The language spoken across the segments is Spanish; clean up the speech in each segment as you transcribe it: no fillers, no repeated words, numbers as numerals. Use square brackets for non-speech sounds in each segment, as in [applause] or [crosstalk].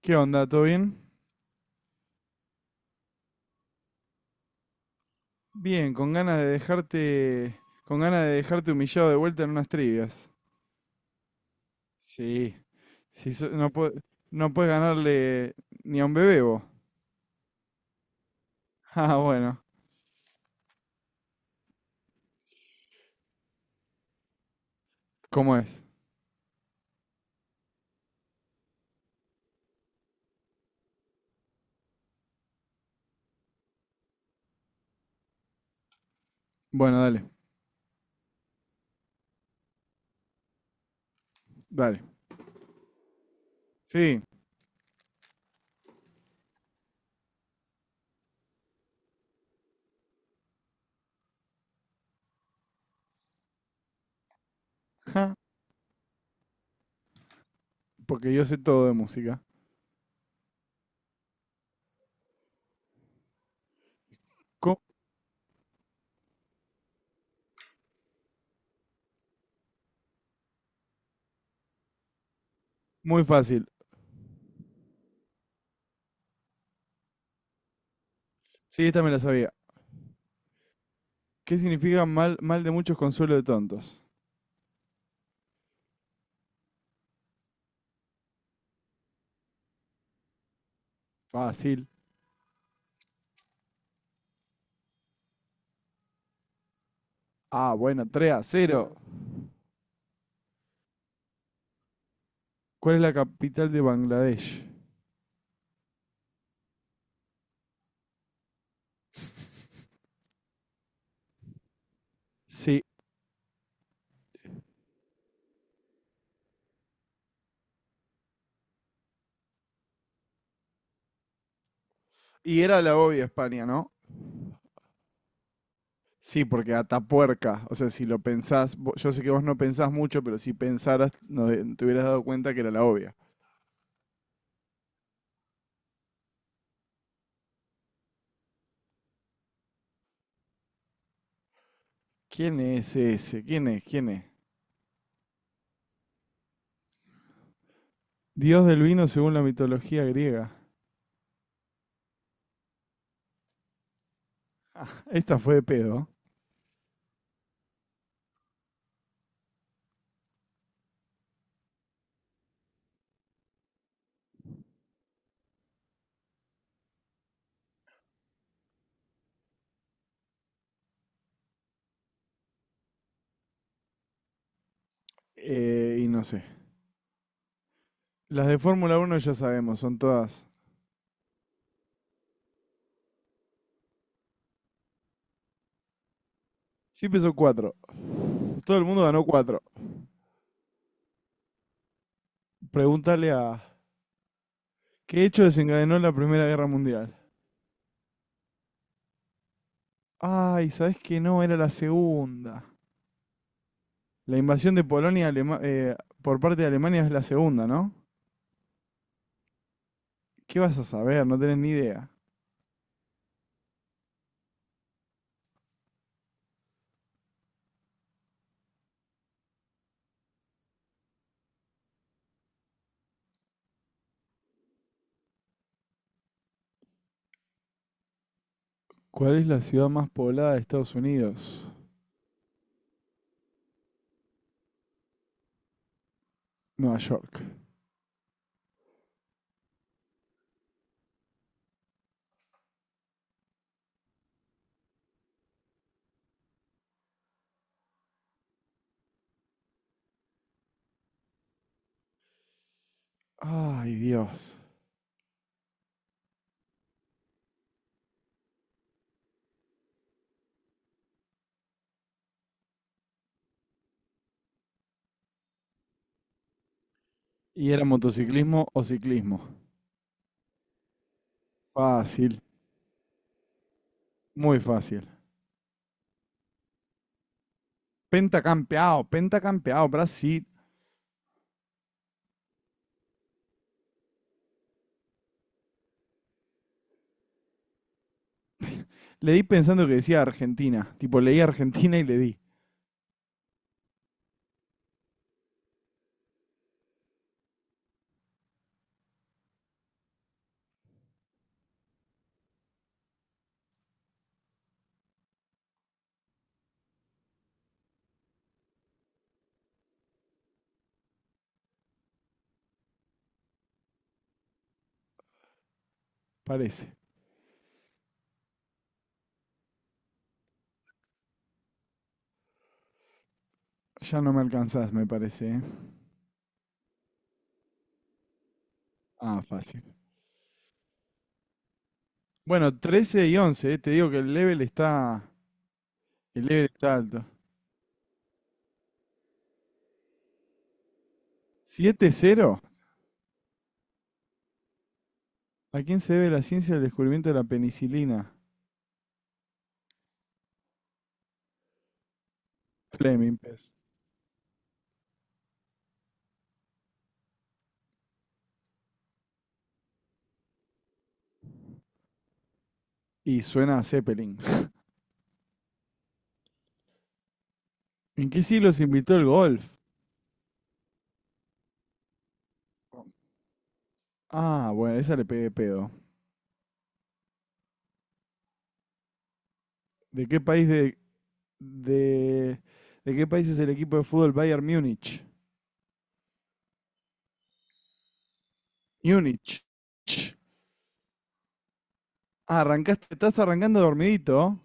¿Qué onda? ¿Todo bien? Bien, con ganas de dejarte humillado de vuelta en unas trivias. Sí, sí, no puedes ganarle ni a un bebé vos. [laughs] Ah, bueno, ¿cómo es? Bueno, dale, dale. Sí, ja, porque yo sé todo de música. Co- Muy fácil. Sí, esta me la sabía. ¿Qué significa mal de muchos consuelo de tontos? Fácil. Ah, bueno, 3-0. ¿Cuál es la capital de Bangladesh? Sí. Y era la obvia España, ¿no? Sí, porque Atapuerca, o sea, si lo pensás, yo sé que vos no pensás mucho, pero si pensaras, no de- te hubieras dado cuenta que era la obvia. ¿Quién es ese? ¿Quién es? ¿Quién es? Dios del vino según la mitología griega. [laughs] Esta fue de pedo. Y no sé. Las de Fórmula Uno ya sabemos, son todas. Sí pesó cuatro. Todo el mundo ganó cuatro. Pregúntale a... ¿Qué hecho desencadenó la Primera Guerra Mundial? Ay, ¿sabés que no? Era la segunda. La invasión de Polonia a por parte de Alemania es la segunda, ¿no? ¿Qué vas a saber? No tenés ni idea. ¿Cuál es la ciudad más poblada de Estados Unidos? Nueva York. Ay, Dios. ¿Y era motociclismo o ciclismo? Fácil, muy fácil. Pentacampeado, pentacampeado, Brasil. Le di pensando que decía Argentina. Tipo, leí Argentina y le di. Parece. Ya no me alcanzás, me parece. ¿Eh? Ah, fácil. Bueno, 13-11. ¿Eh? Te digo que el level está alto. 7-0. ¿A quién se debe la ciencia del descubrimiento de la penicilina? Fleming, pues. Y suena a Zeppelin. ¿En qué siglo se invitó el golf? Ah, bueno, esa le pegué pedo. ¿De qué país de, de, de qué país es el equipo de fútbol Bayern Múnich? Múnich. Ch. Ah, arrancaste, estás arrancando dormidito.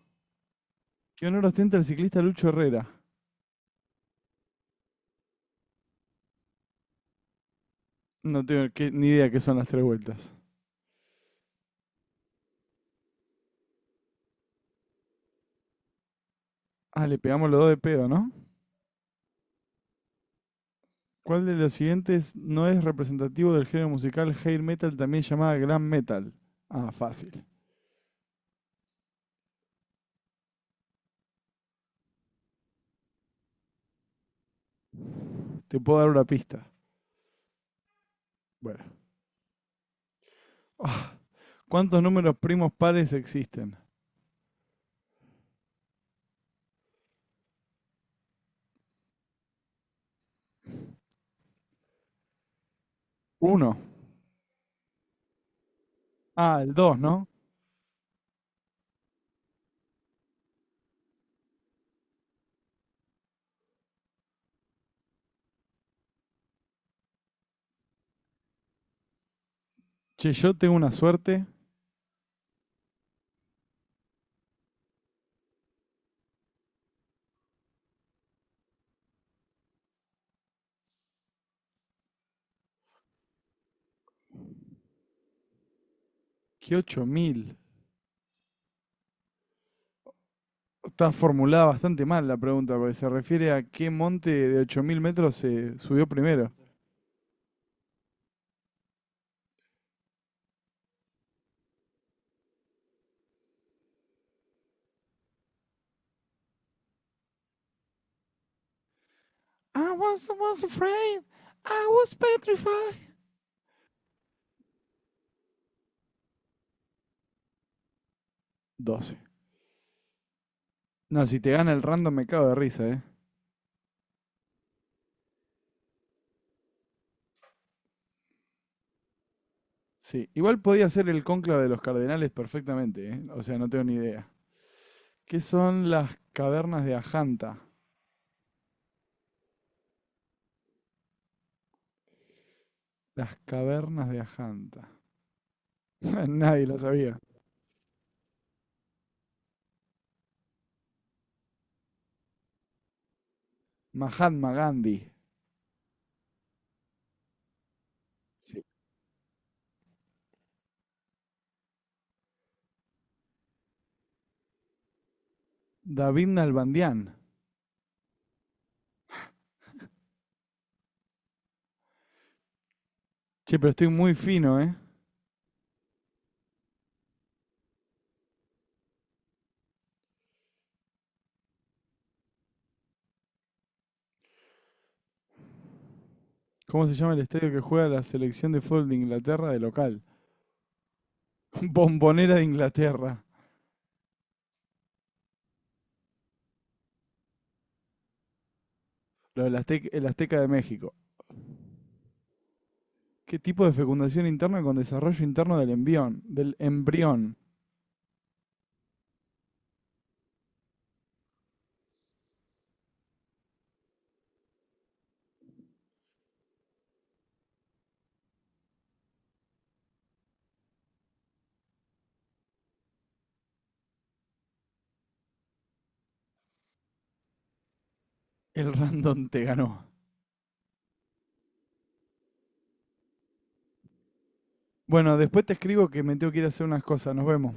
¿Qué honor ostenta el ciclista Lucho Herrera? No tengo ni idea qué son las tres vueltas. Ah, le pegamos los dos de pedo, ¿no? ¿Cuál de los siguientes no es representativo del género musical hair metal, también llamada glam metal? Ah, fácil. Te puedo dar una pista. Bueno. [laughs] Oh, ¿cuántos números primos pares existen? Uno. Ah, el 2, ¿no? Che, yo tengo una suerte que 8000. Está formulada bastante mal la pregunta, porque se refiere a qué monte de 8000 metros se subió primero. I was afraid. I was petrified. 12. No, si te gana el random me cago de risa, ¿eh? Sí. Igual podía ser el cónclave de los cardenales perfectamente, ¿eh? O sea, no tengo ni idea. ¿Qué son las cavernas de Ajanta? Las cavernas de Ajanta. [laughs] Nadie lo sabía. Mahatma Gandhi. Sí. David Nalbandian. Che, pero estoy muy fino, ¿eh? ¿Cómo se llama el estadio que juega la selección de fútbol de Inglaterra de local? [laughs] Bombonera de Inglaterra. Lo del el Azteca de México. ¿Qué tipo de fecundación interna con desarrollo interno del embrión? Del embrión. El random te ganó. Bueno, después te escribo que me tengo que ir a hacer unas cosas. Nos vemos.